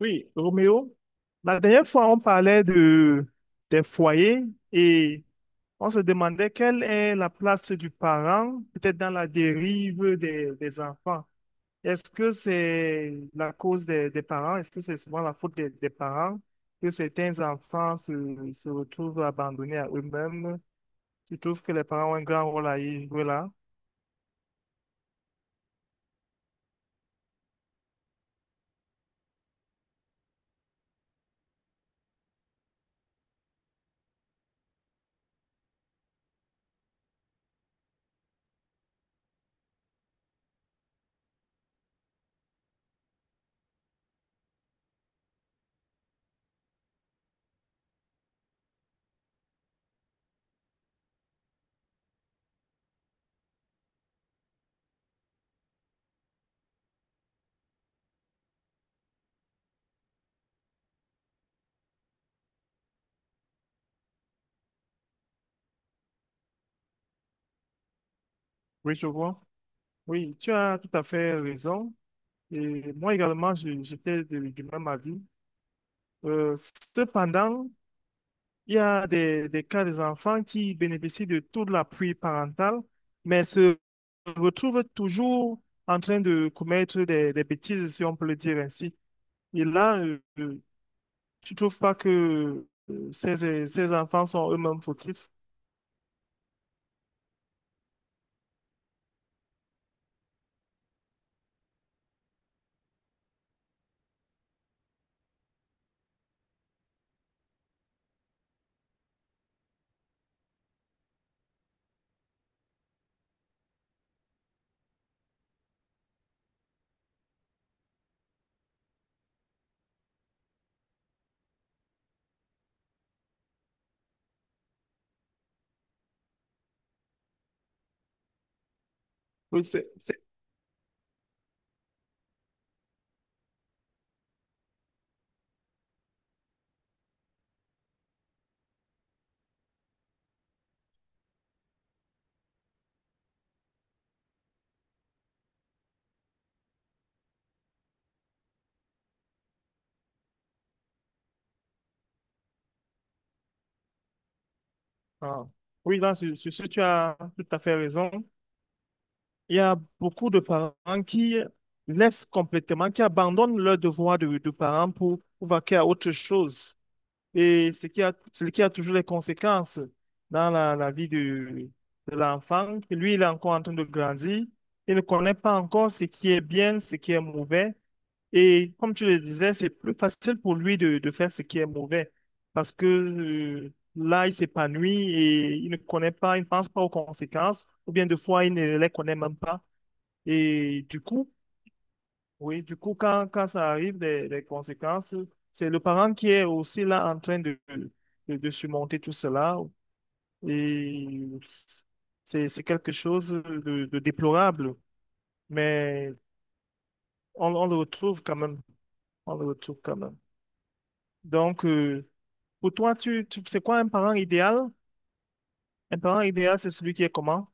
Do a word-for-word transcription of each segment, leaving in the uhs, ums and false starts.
Oui, Roméo, la dernière fois, on parlait de, des foyers et on se demandait quelle est la place du parent, peut-être dans la dérive des, des enfants. Est-ce que c'est la cause des, des parents? Est-ce que c'est souvent la faute des, des parents que certains enfants se, se retrouvent abandonnés à eux-mêmes? Tu trouves que les parents ont un grand rôle à y jouer là? Oui, je vois. Oui, tu as tout à fait raison. Et moi également, je- j'étais de- du même avis. Euh, cependant, il y a des, des cas des enfants qui bénéficient de tout l'appui parental, mais se retrouvent toujours en train de commettre des, des bêtises, si on peut le dire ainsi. Et là, euh, euh, tu trouves pas que euh, ces, ces enfants sont eux-mêmes fautifs? Oui, c'est, c'est- ah. Oui, là, sur sur ce, tu as tout à fait raison. Il y a beaucoup de parents qui laissent complètement, qui abandonnent leur devoir de, de parents pour, pour vaquer à autre chose. Et ce qui a, ce qui a toujours des conséquences dans la, la vie de, de l'enfant. Lui, il est encore en train de grandir. Il ne connaît pas encore ce qui est bien, ce qui est mauvais. Et comme tu le disais, c'est plus facile pour lui de, de faire ce qui est mauvais parce que euh, là, il s'épanouit et il ne connaît pas, il ne pense pas aux conséquences ou bien des fois, il ne les connaît même pas. Et du coup, oui, du coup, quand, quand ça arrive, les, les conséquences, c'est le parent qui est aussi là en train de, de, de surmonter tout cela. Et c'est, c'est quelque chose de, de déplorable, mais on, on le retrouve quand même. On le retrouve quand même. Donc, euh, pour toi, tu, tu, c'est quoi un parent idéal? Un parent idéal, c'est celui qui est comment?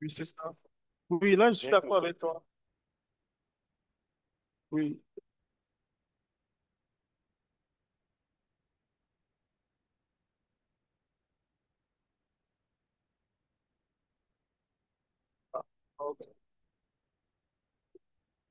Oui, c'est ça. Oui, là, je suis d'accord avec toi. Oui.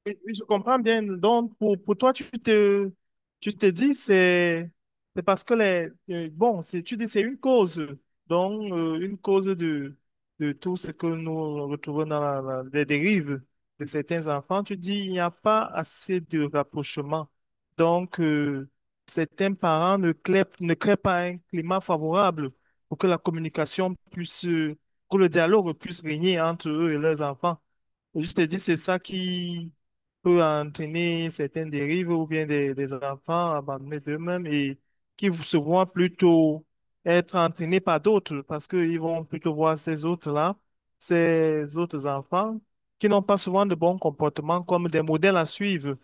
Oui, oui, je comprends bien. Donc, pour, pour toi, tu te, tu te dis, c'est c'est parce que les, euh, bon, c'est, tu dis, c'est une cause. Donc, euh, une cause de, de tout ce que nous retrouvons dans la, la- les dérives de certains enfants. Tu dis, il n'y a pas assez de rapprochement. Donc, euh, certains parents ne créent, ne créent pas un climat favorable pour que la communication puisse, euh, pour que le dialogue puisse régner entre eux et leurs enfants. Et Je te dis, c'est ça qui, peut entraîner certaines dérives ou bien des, des enfants abandonnés d'eux-mêmes et qui v- se voient plutôt être entraînés par d'autres parce qu'ils vont plutôt voir ces autres-là, ces autres enfants qui n'ont pas souvent de bons comportements comme des modèles à suivre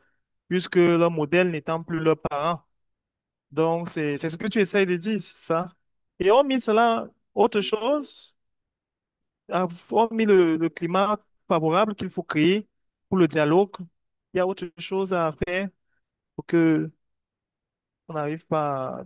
puisque leur modèle n'étant plus leurs parents. Donc, c'est, c'est ce que tu essayes de dire, c'est ça. Et hormis cela, autre chose? Ah, Hormis le, le climat favorable qu'il faut créer pour le dialogue, il y a autre chose à faire pour que on n'arrive pas à...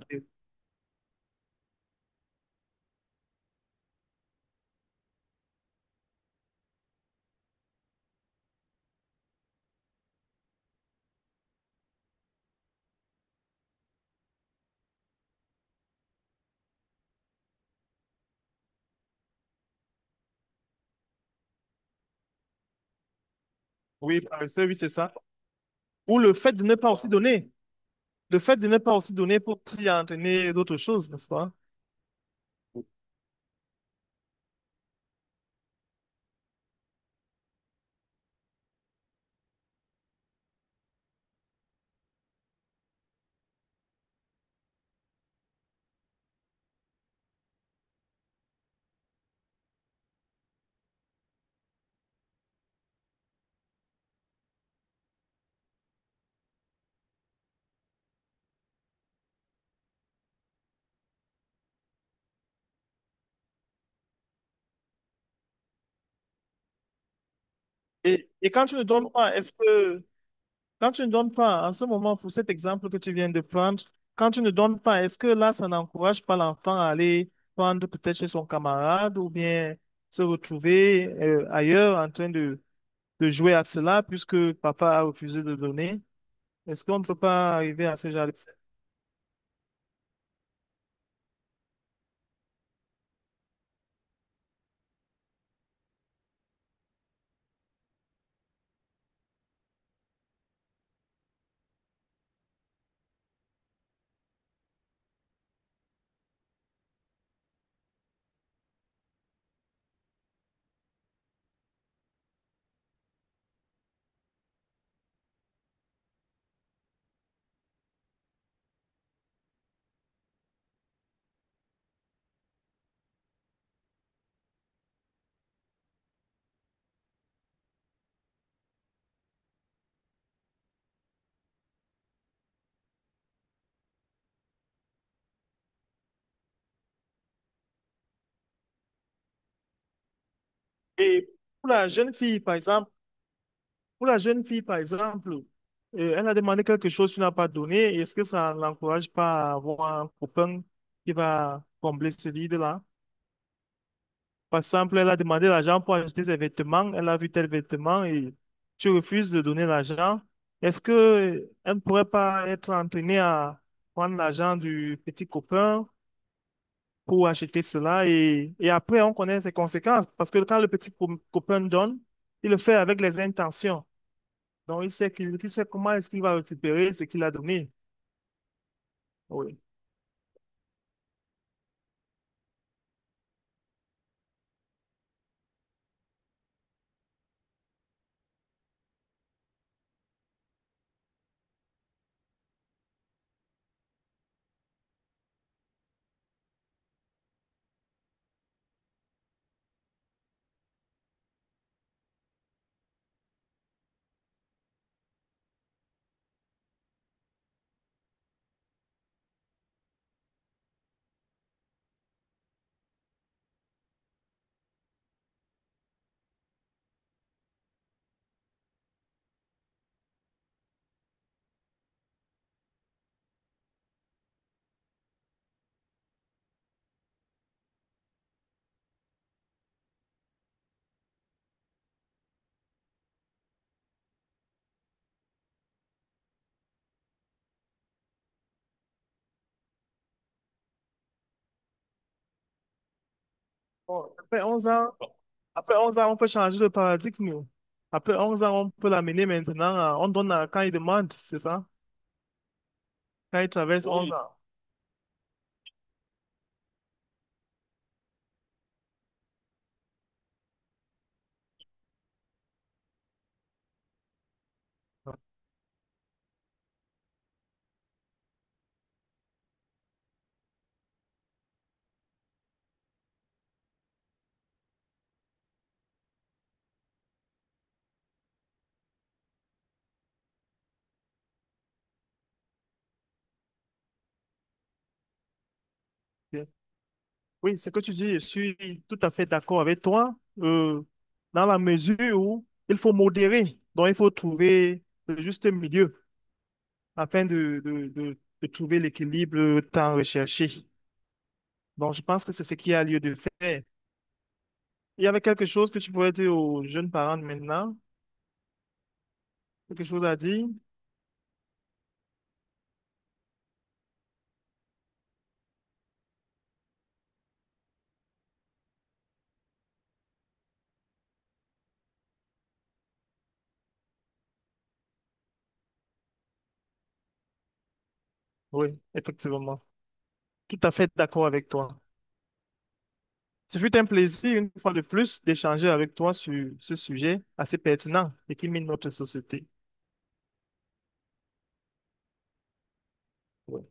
Oui, paresseux, oui, c'est ça. Ou le fait de ne pas aussi donner. Le fait de ne pas aussi donner pour t'y entraîner d'autres choses, n'est-ce pas? Et, et quand tu ne donnes pas, est-ce que, quand tu ne donnes pas, en ce moment, pour cet exemple que tu viens de prendre, quand tu ne donnes pas, est-ce que là, ça n'encourage pas l'enfant à aller prendre peut-être chez son camarade ou bien se retrouver euh, ailleurs en train de, de jouer à cela puisque papa a refusé de donner? Est-ce qu'on ne peut pas arriver à ce genre de... Et pour la jeune fille, par exemple, Pour la jeune fille, par exemple, euh, elle a demandé quelque chose, tu n'as pas donné. Est-ce que ça ne l'encourage pas à avoir un copain qui va combler ce vide-là? Par exemple, elle a demandé l'argent pour acheter ses vêtements. Elle a vu tel vêtement et tu refuses de donner l'argent. Est-ce que elle ne pourrait pas être entraînée à prendre l'argent du petit copain pour acheter cela? Et, et après, on connaît ses conséquences. Parce que quand le petit co- copain donne, il le fait avec les intentions. Donc, il sait qu'il qu'il sait comment est-ce qu'il va récupérer ce qu'il a donné. Oui. Bon, après onze ans, après onze ans, on peut changer de paradigme. Oui. Après onze ans, on peut l'amener maintenant. à- On donne à- quand il demande, c'est ça? Quand il traverse onze. Oui, onze ans. Ok. Oui, ce que tu dis, je suis tout à fait d'accord avec toi. euh, Dans la mesure où il faut modérer. Donc, il faut trouver le juste milieu afin de, de, de, de trouver l'équilibre tant recherché. Donc, je pense que c'est ce qui a lieu de faire. Il y avait quelque chose que tu pourrais dire aux jeunes parents de maintenant? Quelque chose à dire? Oui, effectivement. Tout à fait d'accord avec toi. Ce fut un plaisir, une fois de plus, d'échanger avec toi sur ce sujet assez pertinent et qui mine notre société. Oui.